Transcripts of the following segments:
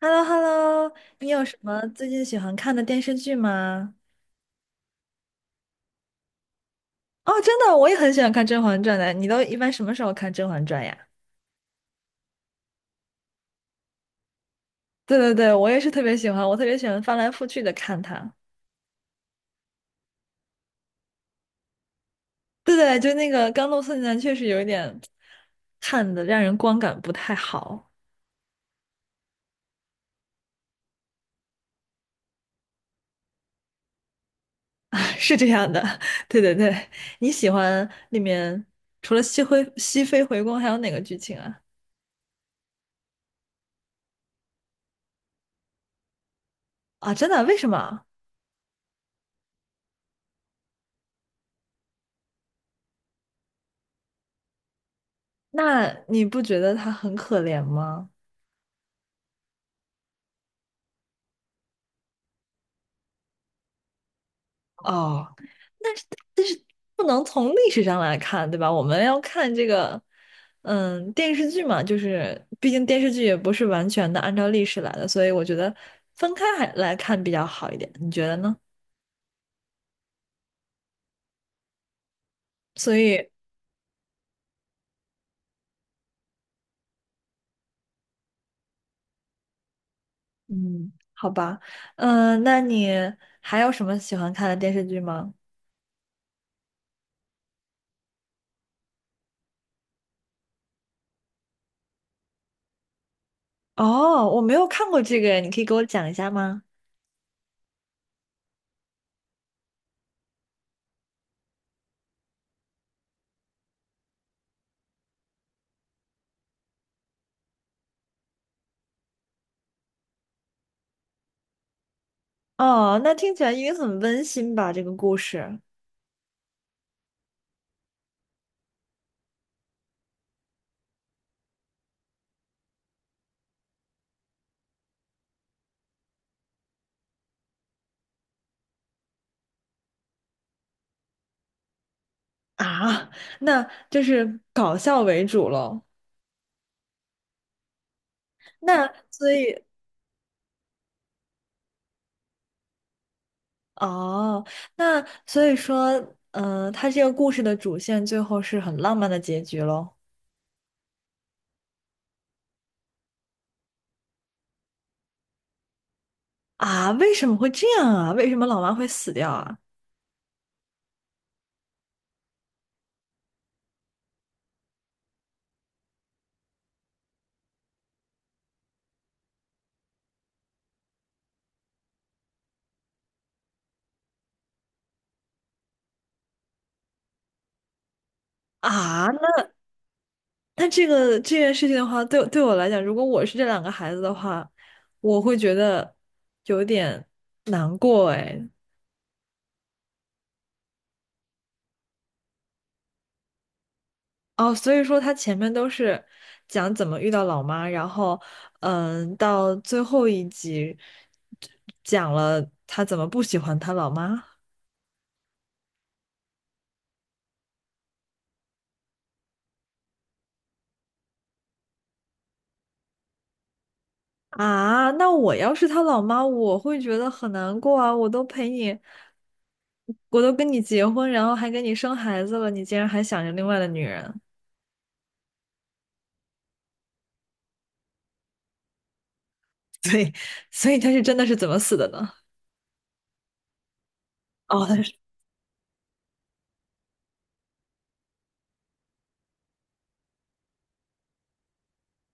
h e l l o h e l l o 你有什么最近喜欢看的电视剧吗？哦，真的，我也很喜欢看《甄嬛传》的。你都一般什么时候看《甄嬛传》呀？对对对，我也是特别喜欢，我特别喜欢翻来覆去的看它。对对，就那个《甘露寺女男》确实有一点看的让人观感不太好。是这样的。对对对，你喜欢里面除了熹妃回宫还有哪个剧情啊？啊，真的？为什么？那你不觉得她很可怜吗？哦。不能从历史上来看，对吧？我们要看这个，嗯，电视剧嘛，就是毕竟电视剧也不是完全的按照历史来的，所以我觉得分开还来看比较好一点，你觉得呢？所以，嗯，好吧，嗯，那你还有什么喜欢看的电视剧吗？哦，我没有看过这个，你可以给我讲一下吗？哦，那听起来应该很温馨吧，这个故事。啊，那就是搞笑为主喽。那所以，哦，那所以说，嗯、它这个故事的主线最后是很浪漫的结局喽。啊，为什么会这样啊？为什么老妈会死掉啊？啊，那这个这件事情的话，对我来讲，如果我是这两个孩子的话，我会觉得有点难过哎。哦，所以说他前面都是讲怎么遇到老妈，然后嗯，到最后一集讲了他怎么不喜欢他老妈。啊，那我要是他老妈，我会觉得很难过啊！我都陪你，我都跟你结婚，然后还给你生孩子了，你竟然还想着另外的女人。对，所以他是真的是怎么死的呢？哦，他是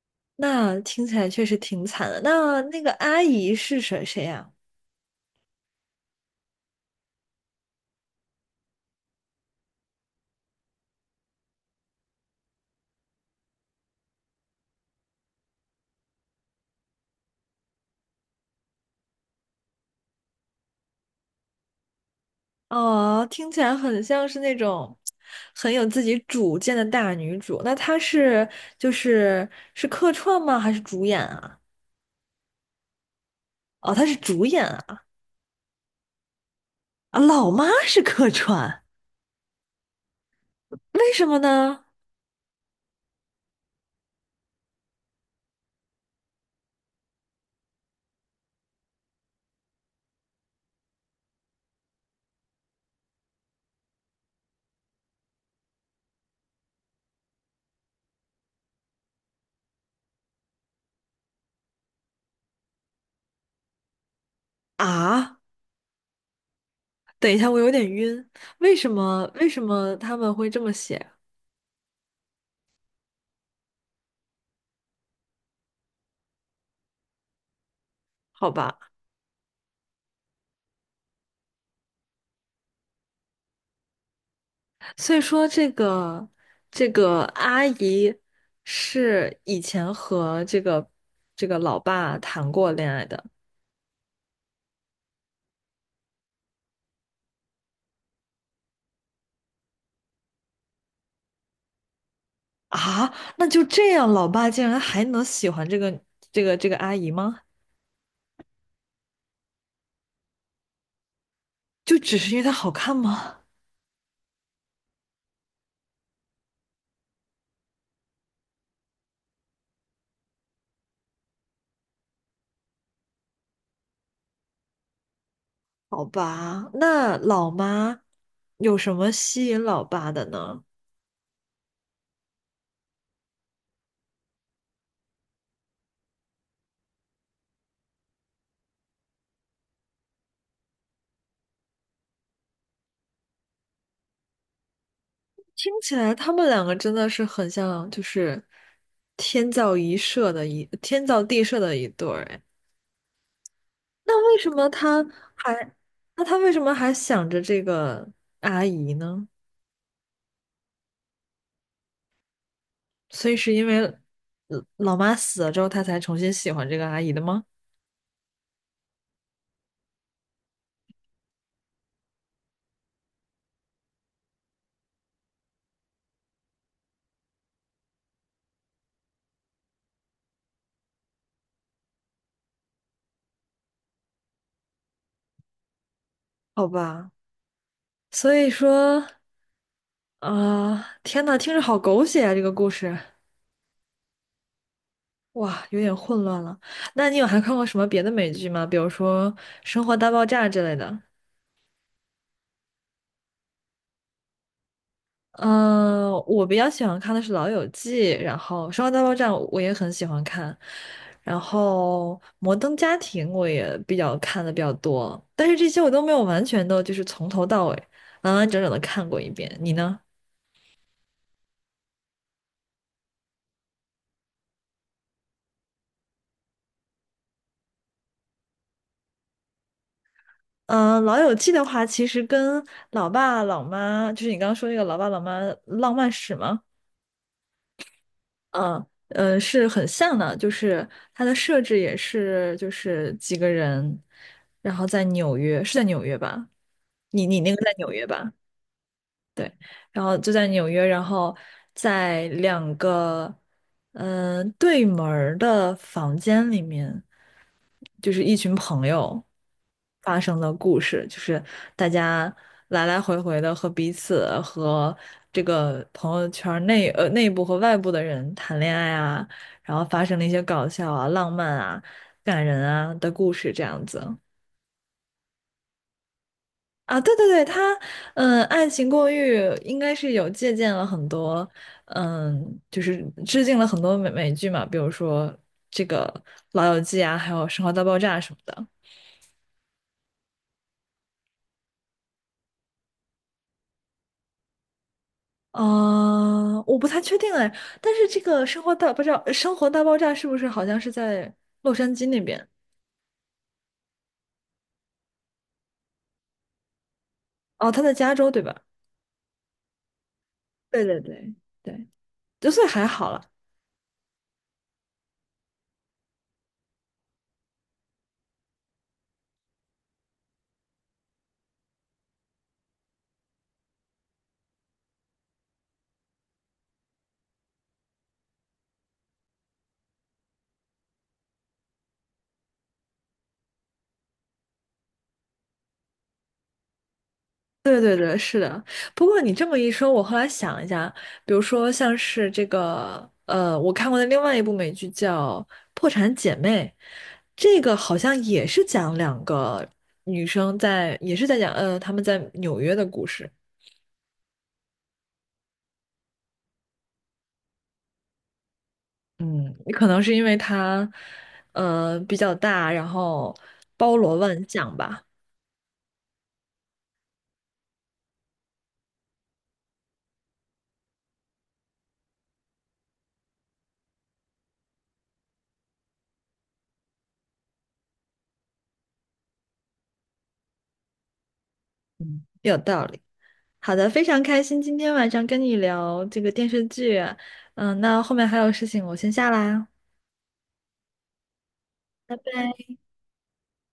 那听起来确实挺惨的。那那个阿姨是谁呀、哦，听起来很像是那种很有自己主见的大女主。那她是就是是客串吗？还是主演啊？哦，她是主演啊！啊，老妈是客串。为什么呢？啊，等一下，我有点晕。为什么？为什么他们会这么写？好吧，所以说这个阿姨是以前和这个老爸谈过恋爱的。啊？那就这样，老爸竟然还能喜欢这个阿姨吗？就只是因为她好看吗？好吧，那老妈有什么吸引老爸的呢？听起来他们两个真的是很像，就是天造地设的一对儿。哎，那为什么他还那他为什么还想着这个阿姨呢？所以是因为老妈死了之后，他才重新喜欢这个阿姨的吗？好吧，所以说啊、天呐，听着好狗血啊，这个故事。哇，有点混乱了。那你有还看过什么别的美剧吗？比如说《生活大爆炸》之类的？嗯，我比较喜欢看的是《老友记》，然后《生活大爆炸》我也很喜欢看，然后《摩登家庭》我也比较看的比较多，但是这些我都没有完全的，就是从头到尾完完整整的看过一遍。你呢？嗯、老友记》的话，其实跟《老爸老妈》，就是你刚刚说那个《老爸老妈浪漫史》吗？嗯，是很像的，就是它的设置也是，就是几个人，然后在纽约，是在纽约吧？你那个在纽约吧？对，然后就在纽约，然后在两个嗯、对门儿的房间里面，就是一群朋友发生的故事，就是大家来来回回的和彼此和这个朋友圈儿内内部和外部的人谈恋爱啊，然后发生了一些搞笑啊、浪漫啊、感人啊的故事，这样子。啊，对对对，他，嗯，《爱情公寓》应该是有借鉴了很多，嗯，就是致敬了很多美剧嘛，比如说这个《老友记》啊，还有《生活大爆炸》什么的。啊，我不太确定哎，但是这个《生活大爆炸》是不是好像是在洛杉矶那边？哦，他在加州对吧？对对对对，就所以还好了。对对对，是的。不过你这么一说，我后来想一下，比如说像是这个，我看过的另外一部美剧叫《破产姐妹》，这个好像也是讲两个女生在，也是在讲，她们在纽约的故事。嗯，可能是因为它，比较大，然后包罗万象吧。嗯，有道理。好的，非常开心今天晚上跟你聊这个电视剧啊。嗯，那后面还有事情，我先下啦。拜拜。